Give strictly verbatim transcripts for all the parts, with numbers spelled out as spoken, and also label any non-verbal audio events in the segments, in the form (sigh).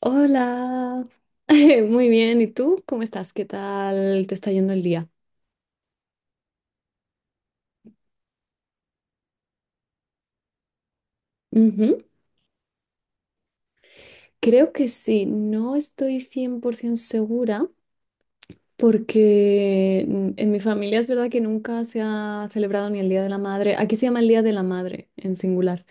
Hola, (laughs) muy bien. ¿Y tú? ¿Cómo estás? ¿Qué tal te está yendo el día? Ujú. Creo que sí, no estoy cien por ciento segura porque mm, en mi familia es verdad que nunca se ha celebrado ni el Día de la Madre. Aquí se llama el Día de la Madre en singular.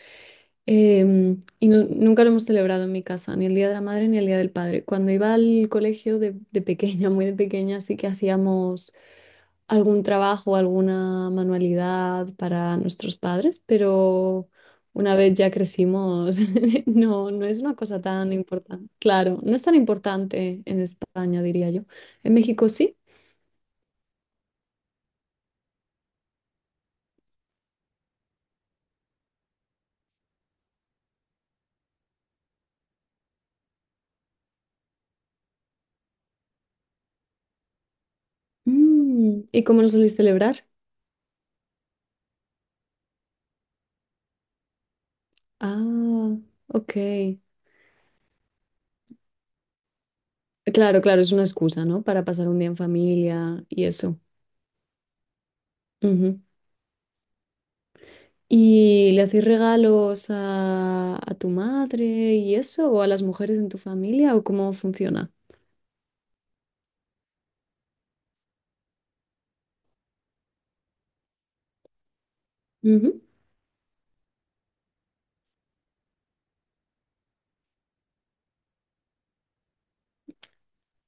Em, y nu- nunca lo hemos celebrado en mi casa, ni el Día de la Madre ni el Día del Padre. Cuando iba al colegio de, de pequeña, (laughs) muy de pequeña, sí que hacíamos algún trabajo, alguna manualidad para nuestros padres, pero una vez ya crecimos, (laughs) no, no es una cosa tan importante. Claro, no es tan importante en España, diría yo. En México sí. Mm, ¿y cómo lo soléis celebrar? Ah, ok. Claro, claro, es una excusa, ¿no? Para pasar un día en familia y eso. Ujú. ¿Y le hacéis regalos a, a tu madre y eso? ¿O a las mujeres en tu familia? ¿O cómo funciona?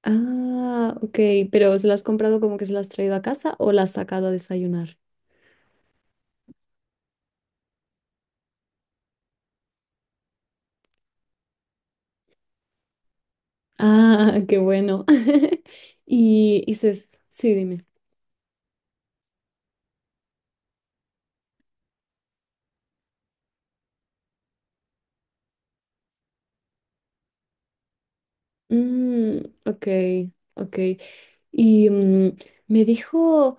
Ah, ok, pero ¿se las has comprado como que se las has traído a casa o las has sacado a desayunar? Ah, qué bueno. (laughs) Y, y se... Sí, dime. Mm, ok, ok. Y mm, me dijo,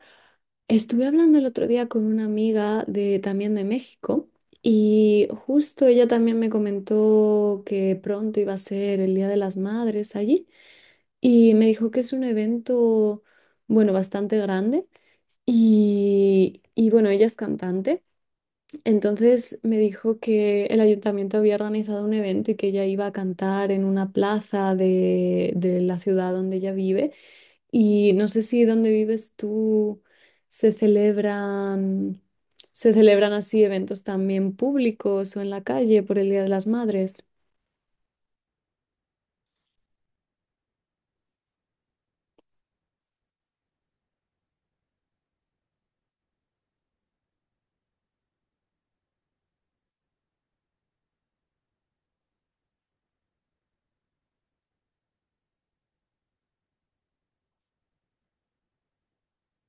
estuve hablando el otro día con una amiga de también de México y justo ella también me comentó que pronto iba a ser el Día de las Madres allí y me dijo que es un evento, bueno, bastante grande. Y, y bueno, ella es cantante, entonces me dijo que el ayuntamiento había organizado un evento y que ella iba a cantar en una plaza de, de la ciudad donde ella vive. Y no sé si donde vives tú se celebran, se celebran así eventos también públicos o en la calle por el Día de las Madres.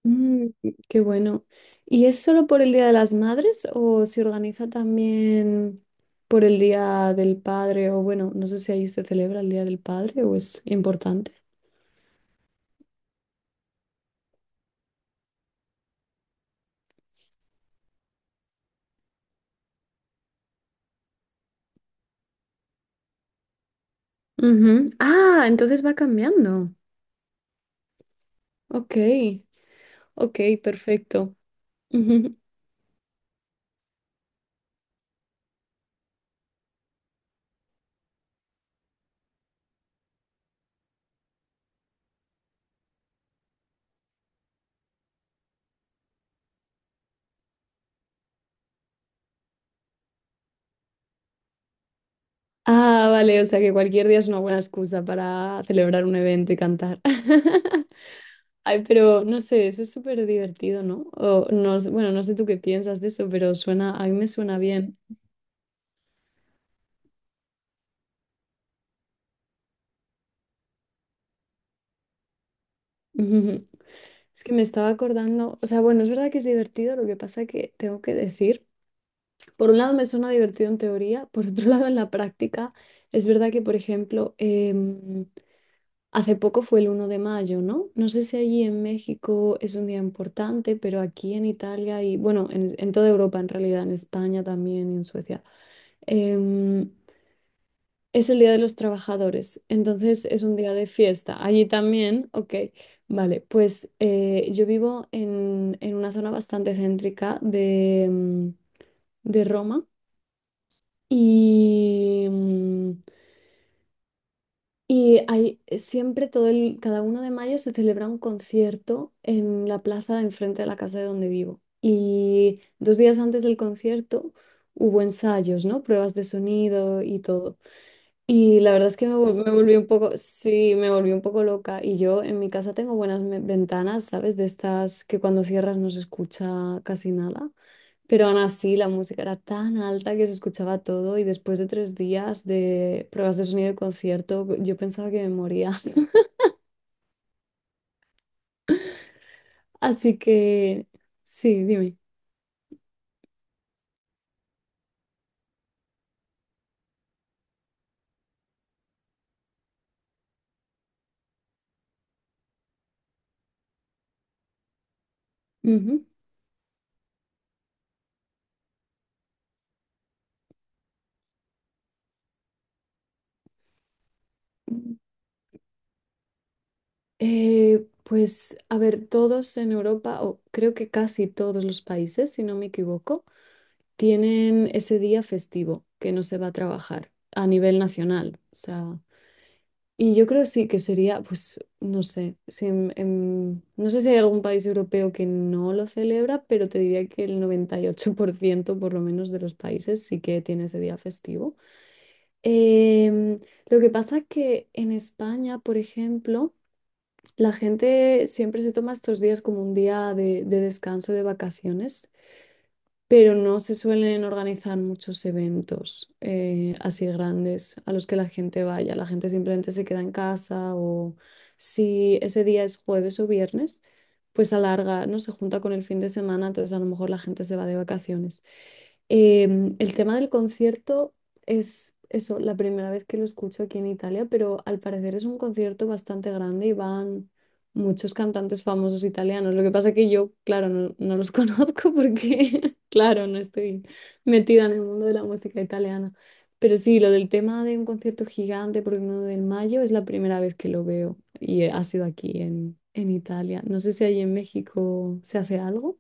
Mm, Qué bueno. ¿Y es solo por el Día de las Madres o se organiza también por el Día del Padre? O bueno, no sé si ahí se celebra el Día del Padre o es importante. Ujú. Ah, entonces va cambiando. Ok, ok, perfecto. (laughs) Ujú. Ah, vale, o sea que cualquier día es una buena excusa para celebrar un evento y cantar. (laughs) Ay, pero no sé, eso es súper divertido, ¿no? O, no, sé- Bueno, no sé tú qué piensas de eso, pero suena, a mí me suena bien. (laughs) Es que me estaba acordando, o sea, bueno, es verdad que es divertido, lo que pasa que tengo que decir, por un lado me suena divertido en teoría, por otro (laughs) lado en la práctica, es verdad que, por ejemplo, em, hace poco fue el uno de mayo, ¿no? No sé si allí en México es un día importante, pero aquí en Italia y, bueno, en, en toda Europa en realidad, en España también y en Suecia, em, es el Día de los Trabajadores, entonces es un día de fiesta. Allí también, ok. Vale, pues eh, yo vivo en, en una zona bastante céntrica de, mm, de Roma y, mm, y hay siempre todo el, cada uno de mayo se celebra un concierto en la plaza de enfrente de la casa de donde vivo. Y dos días antes del concierto hubo ensayos, ¿no? Pruebas de sonido y todo. Y la verdad es que me, vol- me volví un poco, sí, me volví un poco loca. Y yo en mi casa tengo buenas me- ventanas, ¿sabes? De estas que cuando cierras no se escucha casi nada. Pero aún así la música era tan alta que se escuchaba todo. Y después de tres días de pruebas de sonido de concierto, yo pensaba que me moría. (laughs) Así que, sí, dime. Ujú. Eh, pues, a ver, todos en Europa, o creo que casi todos los países, si no me equivoco, tienen ese día festivo que no se va a trabajar a nivel nacional. O sea, y yo creo sí que sería, pues, no sé, si en- en- no sé si hay algún país europeo que no lo celebra, pero te diría que el noventa y ocho por ciento por lo menos de los países sí que tiene ese día festivo. Em, lo que pasa es que en España, por ejemplo, la gente siempre se toma estos días como un día de, de descanso, de vacaciones, pero no se suelen organizar muchos eventos eh, así grandes a los que la gente vaya. La gente simplemente se queda en casa o, si ese día es jueves o viernes, pues alarga, no se junta con el fin de semana, entonces a lo mejor la gente se va de vacaciones. Em, el tema del concierto es eso, la primera vez que lo escucho aquí en Italia, pero al parecer es un concierto bastante grande y van muchos cantantes famosos italianos. Lo que pasa que yo, claro, no, no los (laughs) conozco porque, (laughs) claro, no estoy metida en el mundo de la música italiana. Pero sí, lo del tema de un concierto gigante por el nueve de mayo es la primera vez que lo veo y eh, ha sido aquí en, en Italia. No sé si ahí en México se hace algo.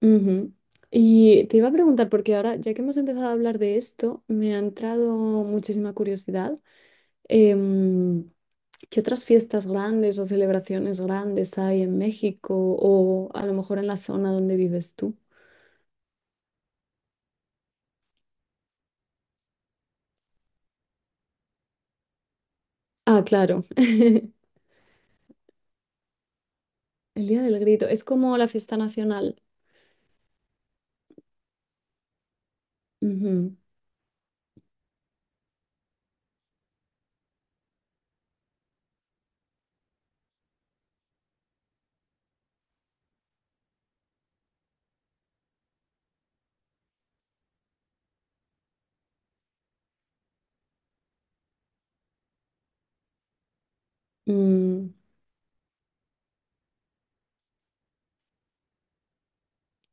Ujú. Y te iba a preguntar, porque ahora, ya que hemos empezado a hablar de esto, me ha entrado muchísima curiosidad. em, ¿Qué otras fiestas grandes o celebraciones grandes hay en México o a lo mejor en la zona donde vives tú? Ah, claro, (laughs) el Día del Grito. Es como la fiesta nacional. Ujú. Mm,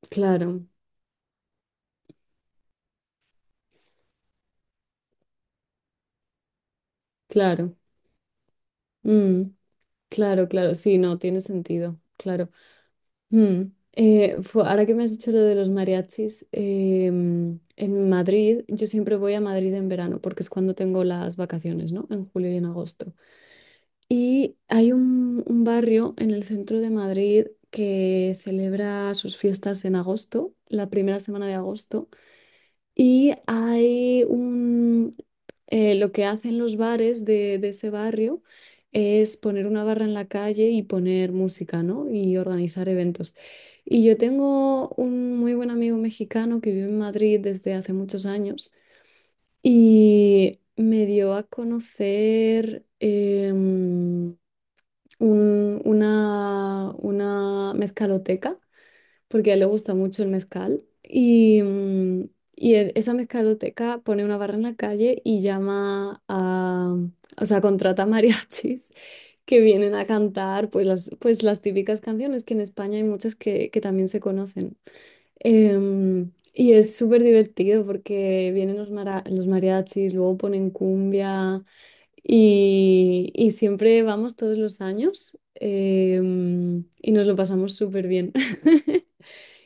claro, claro. Mm, claro, claro. Sí, no, tiene sentido. Claro. Mm. Eh, fu- ahora que me has dicho lo de los mariachis, em, en Madrid, yo siempre voy a Madrid en verano porque es cuando tengo las vacaciones, ¿no? En julio y en agosto. Y hay un, un barrio en el centro de Madrid que celebra sus fiestas en agosto, la primera semana de agosto. Y hay un... eh, lo que hacen los bares de, de ese barrio es poner una barra en la calle y poner música, ¿no? Y organizar eventos. Y yo tengo un muy buen amigo mexicano que vive en Madrid desde hace muchos años y me dio a conocer em, un- una, una mezcaloteca porque a él le gusta mucho el mezcal. Y, mm, y e- esa mezcaloteca pone una barra en la calle y llama a, o sea, contrata mariachis (laughs) que vienen a cantar pues las, pues las típicas canciones, que en España hay muchas que, que también se conocen. Em, y es súper divertido porque vienen los, mara- los mariachis, luego ponen cumbia. Y, y siempre vamos todos los años, em, y nos lo pasamos súper bien. (laughs)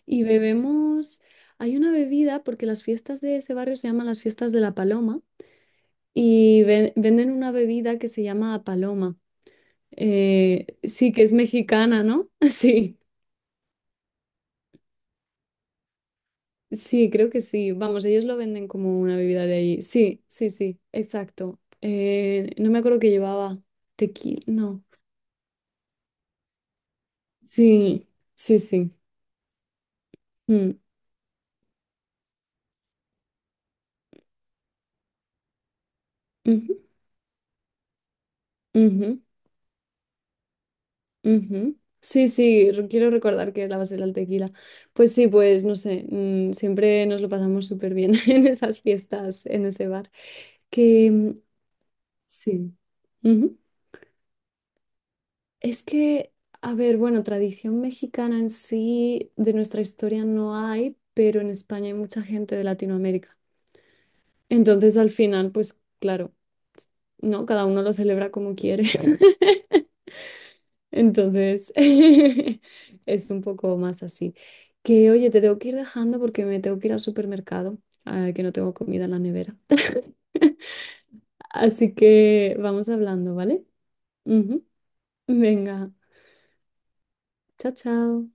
Y bebemos, hay una bebida, porque las fiestas de ese barrio se llaman las fiestas de la Paloma, y ve- venden una bebida que se llama Paloma. Eh, sí, que es mexicana, ¿no? (laughs) Sí, sí, creo que sí. Vamos, ellos lo venden como una bebida de allí. Sí, sí, sí, exacto. Eh, no me acuerdo, que llevaba tequila, no. Sí, sí, sí. Mm, ujú, ujú. Ujú. Sí, sí, re- quiero recordar que era la base del tequila. Pues sí, pues no sé, mm, siempre nos lo pasamos súper bien (laughs) en esas fiestas, en ese bar. Que mm, sí. Ujú. Es que, a ver, bueno, tradición mexicana en sí de nuestra historia no hay, pero en España hay mucha gente de Latinoamérica. Entonces, al final, pues claro, ¿no? Cada uno lo celebra como quiere. (laughs) Entonces, (laughs) es un poco más así. Que, oye, te tengo que ir dejando porque me tengo que ir al supermercado, ah, que no tengo comida en la nevera. (laughs) Así que vamos hablando, ¿vale? Ujú. Venga, chao, chao.